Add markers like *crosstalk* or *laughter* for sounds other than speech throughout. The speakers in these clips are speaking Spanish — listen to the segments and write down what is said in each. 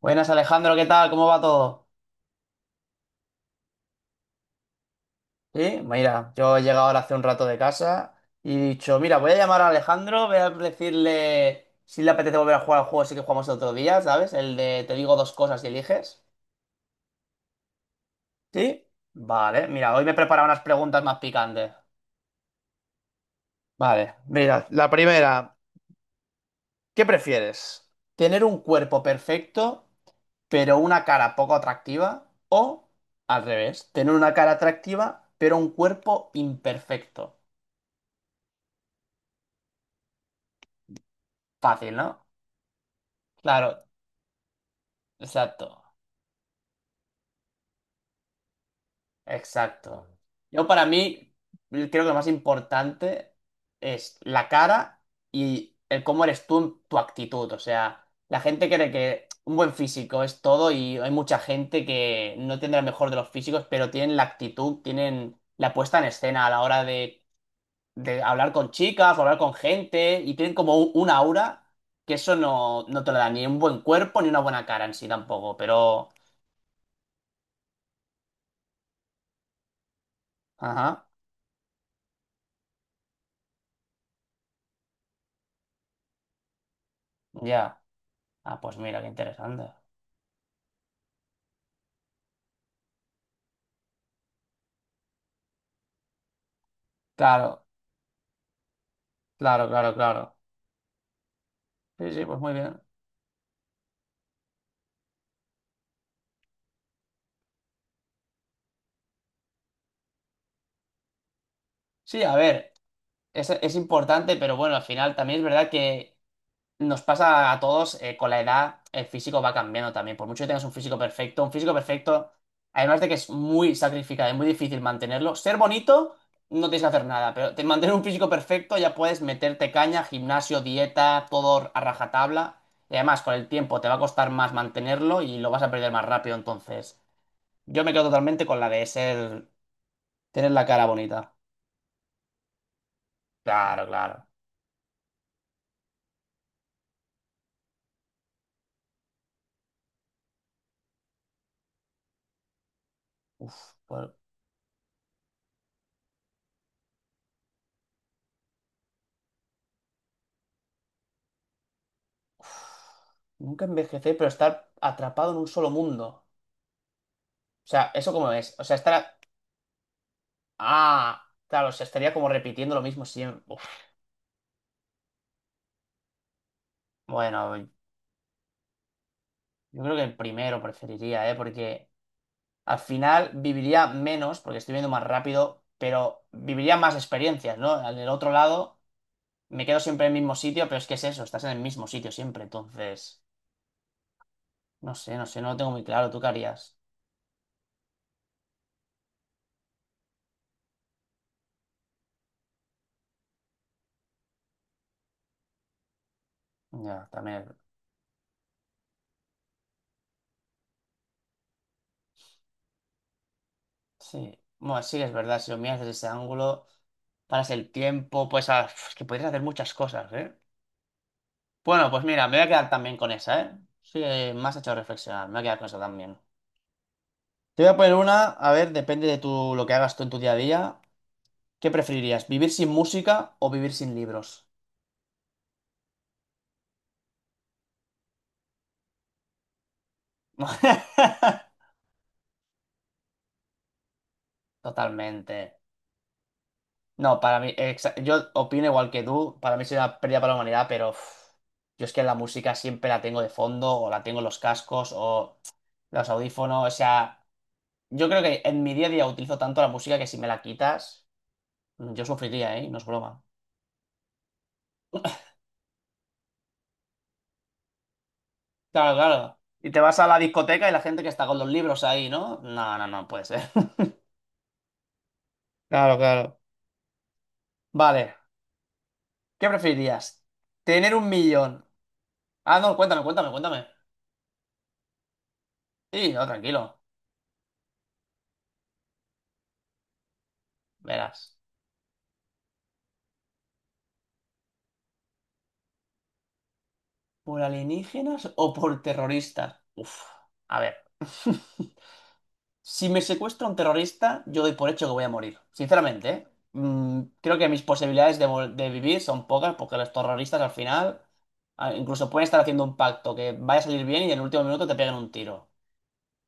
Buenas Alejandro, ¿qué tal? ¿Cómo va todo? Sí, mira, yo he llegado ahora hace un rato de casa y he dicho, mira, voy a llamar a Alejandro, voy a decirle si le apetece volver a jugar al juego, así que jugamos el otro día, ¿sabes? El de te digo dos cosas y eliges. ¿Sí? Vale, mira, hoy me he preparado unas preguntas más picantes. Vale, mira, la primera, ¿qué prefieres? ¿Tener un cuerpo perfecto, pero una cara poco atractiva? ¿O, al revés, tener una cara atractiva, pero un cuerpo imperfecto? Fácil, ¿no? Claro, exacto, exacto. Yo para mí creo que lo más importante es la cara y el cómo eres tú, en tu actitud. O sea, la gente cree que un buen físico es todo y hay mucha gente que no tendrá el mejor de los físicos, pero tienen la actitud, tienen la puesta en escena a la hora de, hablar con chicas o hablar con gente y tienen como un aura que eso no, no te lo da ni un buen cuerpo ni una buena cara en sí tampoco, pero... Ajá, ya. Ah, pues mira, qué interesante. Claro, claro, claro, claro. Sí, sí, pues muy bien. Sí, a ver, es importante, pero bueno, al final también es verdad que nos pasa a todos, con la edad, el físico va cambiando también. Por mucho que tengas un físico perfecto, además de que es muy sacrificado, es muy difícil mantenerlo. Ser bonito, no tienes que hacer nada, pero mantener un físico perfecto ya puedes meterte caña, gimnasio, dieta, todo a rajatabla. Y además, con el tiempo te va a costar más mantenerlo y lo vas a perder más rápido, entonces. Yo me quedo totalmente con la de ser, tener la cara bonita. Claro, claro. Uf, por- uf. Nunca envejecer, pero estar atrapado en un solo mundo. O sea, ¿eso cómo es? O sea, estar... Ah, claro, o sea, estaría como repitiendo lo mismo siempre. Uf. Bueno, yo creo que el primero preferiría, ¿eh? Porque al final viviría menos, porque estoy viendo más rápido, pero viviría más experiencias, ¿no? Al del otro lado, me quedo siempre en el mismo sitio, pero es que es eso, estás en el mismo sitio siempre, entonces... No sé, no sé, no lo tengo muy claro. ¿Tú qué harías? Ya, también. Sí. Bueno, sí es verdad, si lo miras desde ese ángulo, paras el tiempo, pues es que podrías hacer muchas cosas, ¿eh? Bueno, pues mira, me voy a quedar también con esa, ¿eh? Sí, me has hecho reflexionar, me voy a quedar con esa también. Te voy a poner una, a ver, depende de tu, lo que hagas tú en tu día a día. ¿Qué preferirías, vivir sin música o vivir sin libros? *laughs* Totalmente. No, para mí, yo opino igual que tú, para mí sería una pérdida para la humanidad, pero uf, yo es que la música siempre la tengo de fondo, o la tengo en los cascos, o los audífonos, o sea, yo creo que en mi día a día utilizo tanto la música que si me la quitas, yo sufriría, ¿eh? No es broma. Claro, claro. Y te vas a la discoteca y la gente que está con los libros ahí, ¿no? No, no, no puede ser. *laughs* Claro, claro. Vale, ¿qué preferirías? ¿Tener un millón? Ah, no, cuéntame, cuéntame, cuéntame. Sí, no, tranquilo, verás. ¿Por alienígenas o por terroristas? Uf, a ver. *laughs* Si me secuestra un terrorista, yo doy por hecho que voy a morir. Sinceramente, ¿eh? Creo que mis posibilidades de, de vivir son pocas porque los terroristas al final incluso pueden estar haciendo un pacto que vaya a salir bien y en el último minuto te peguen un tiro.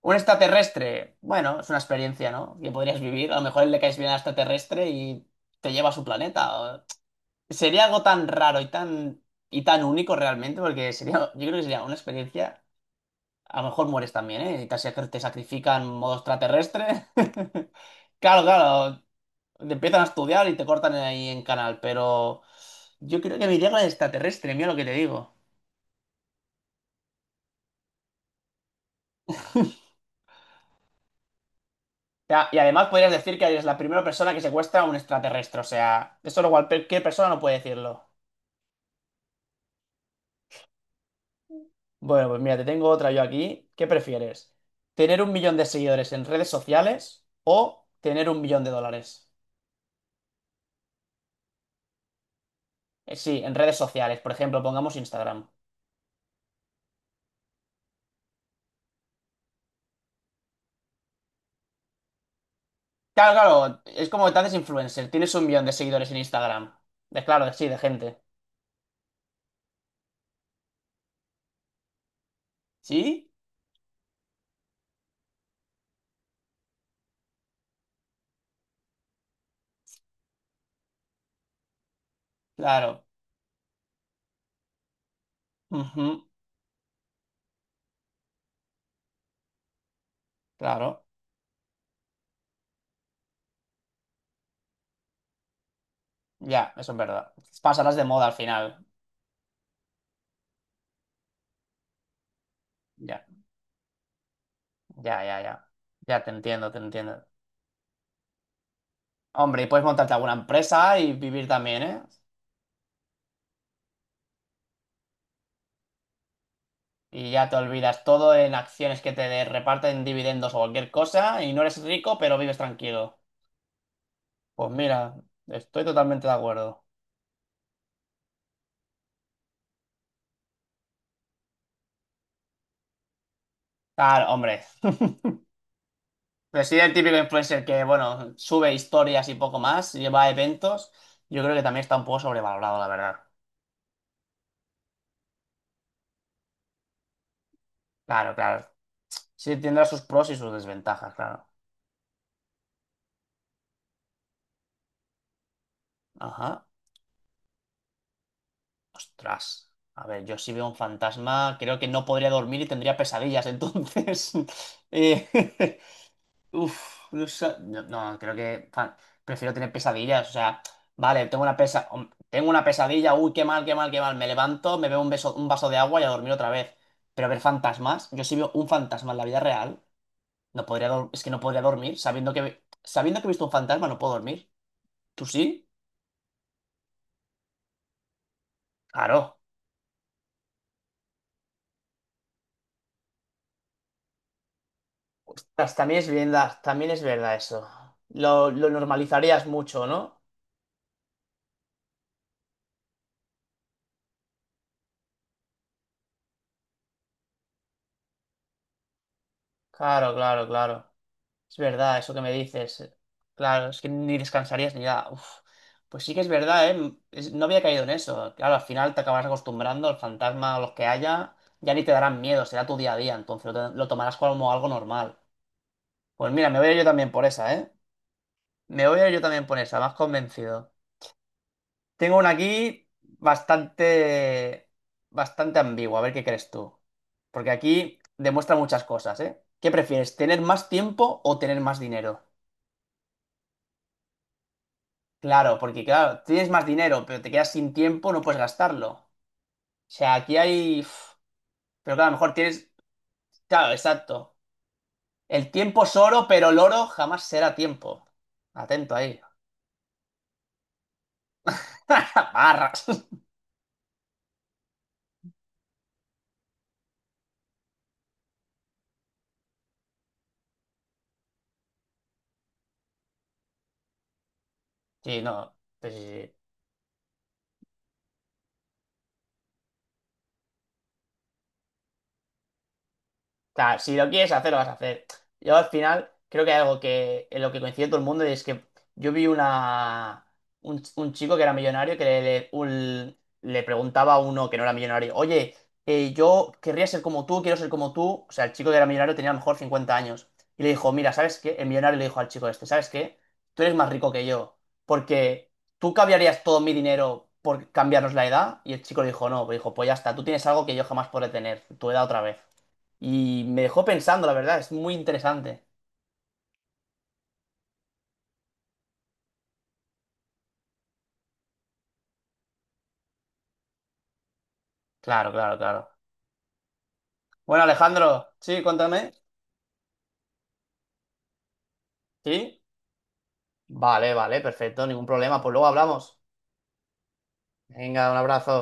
Un extraterrestre, bueno, es una experiencia, ¿no? Que podrías vivir. A lo mejor le caes bien al extraterrestre y te lleva a su planeta. Sería algo tan raro y tan único realmente, porque sería, yo creo que sería una experiencia. A lo mejor mueres también, ¿eh? Y te, te sacrifican en modo extraterrestre. *laughs* Claro, claro. Te empiezan a estudiar y te cortan ahí en canal, pero yo creo que me iría con el extraterrestre, mira lo que te digo. O sea, y además podrías decir que eres la primera persona que secuestra a un extraterrestre, o sea, eso lo cual cualquier persona no puede decirlo. Bueno, pues mira, te tengo otra yo aquí. ¿Qué prefieres? ¿Tener un millón de seguidores en redes sociales o tener un millón de dólares? Sí, en redes sociales, por ejemplo, pongamos Instagram. Claro, claro, es como que te haces influencer, tienes un millón de seguidores en Instagram. Sí, de gente. ¿Sí? Claro. Ujú, claro. Ya, eso es verdad. Pasarás de moda al final. Ya, ya, ya, ya. Ya te entiendo, te entiendo. Hombre, y puedes montarte alguna empresa y vivir también, ¿eh? Y ya te olvidas todo en acciones que reparten dividendos o cualquier cosa y no eres rico, pero vives tranquilo. Pues mira, estoy totalmente de acuerdo. Claro, hombre. *laughs* Pero sí, el típico influencer que, bueno, sube historias y poco más, lleva eventos, yo creo que también está un poco sobrevalorado, la verdad. Claro, claro. Sí, tendrá sus pros y sus desventajas, claro. Ajá. Ostras. A ver, yo si veo un fantasma, creo que no podría dormir y tendría pesadillas, entonces. *laughs* Eh, *laughs* Uf, no, sa- no, no, creo que prefiero tener pesadillas. O sea, vale, tengo una pesadilla, uy, qué mal, qué mal, qué mal. Me levanto, me bebo un beso, un vaso de agua y a dormir otra vez. Pero ver fantasmas, yo si veo un fantasma en la vida real, no podría es que no podría dormir, sabiendo que he visto un fantasma, no puedo dormir. ¿Tú sí? Claro. Ostras, también es verdad, también es verdad eso. Lo normalizarías mucho, ¿no? Claro, claro, claro. Es verdad, eso que me dices. Claro, es que ni descansarías ni nada. Uf. Pues sí que es verdad, ¿eh? No había caído en eso. Claro, al final te acabas acostumbrando al fantasma o los que haya, ya ni te darán miedo, será tu día a día, entonces lo tomarás como algo normal. Pues mira, me voy a ir yo también por esa, ¿eh? Me voy a ir yo también por esa, más convencido. Tengo una aquí bastante, bastante ambigua, a ver qué crees tú. Porque aquí demuestra muchas cosas, ¿eh? ¿Qué prefieres, tener más tiempo o tener más dinero? Claro, porque claro, tienes más dinero, pero te quedas sin tiempo, no puedes gastarlo. O sea, aquí hay... uf, pero claro, a lo mejor tienes... Claro, exacto. El tiempo es oro, pero el oro jamás será tiempo. Atento ahí. *laughs* Barras. Sí, no. Pues sí, sí. O sea, si lo quieres hacer, lo vas a hacer. Yo al final creo que hay algo que en lo que coincide todo el mundo y es que yo vi un chico que era millonario que le preguntaba a uno que no era millonario, oye, yo querría ser como tú, quiero ser como tú. O sea, el chico que era millonario tenía a lo mejor 50 años. Y le dijo, mira, ¿sabes qué? El millonario le dijo al chico este, ¿sabes qué? Tú eres más rico que yo, porque tú cambiarías todo mi dinero por cambiarnos la edad. Y el chico le dijo, no, dijo, pues ya está, tú tienes algo que yo jamás podré tener, tu edad otra vez. Y me dejó pensando, la verdad, es muy interesante. Claro, claro, claro. Bueno, Alejandro, sí, cuéntame. ¿Sí? Vale, vale, perfecto, ningún problema. Pues luego hablamos. Venga, un abrazo.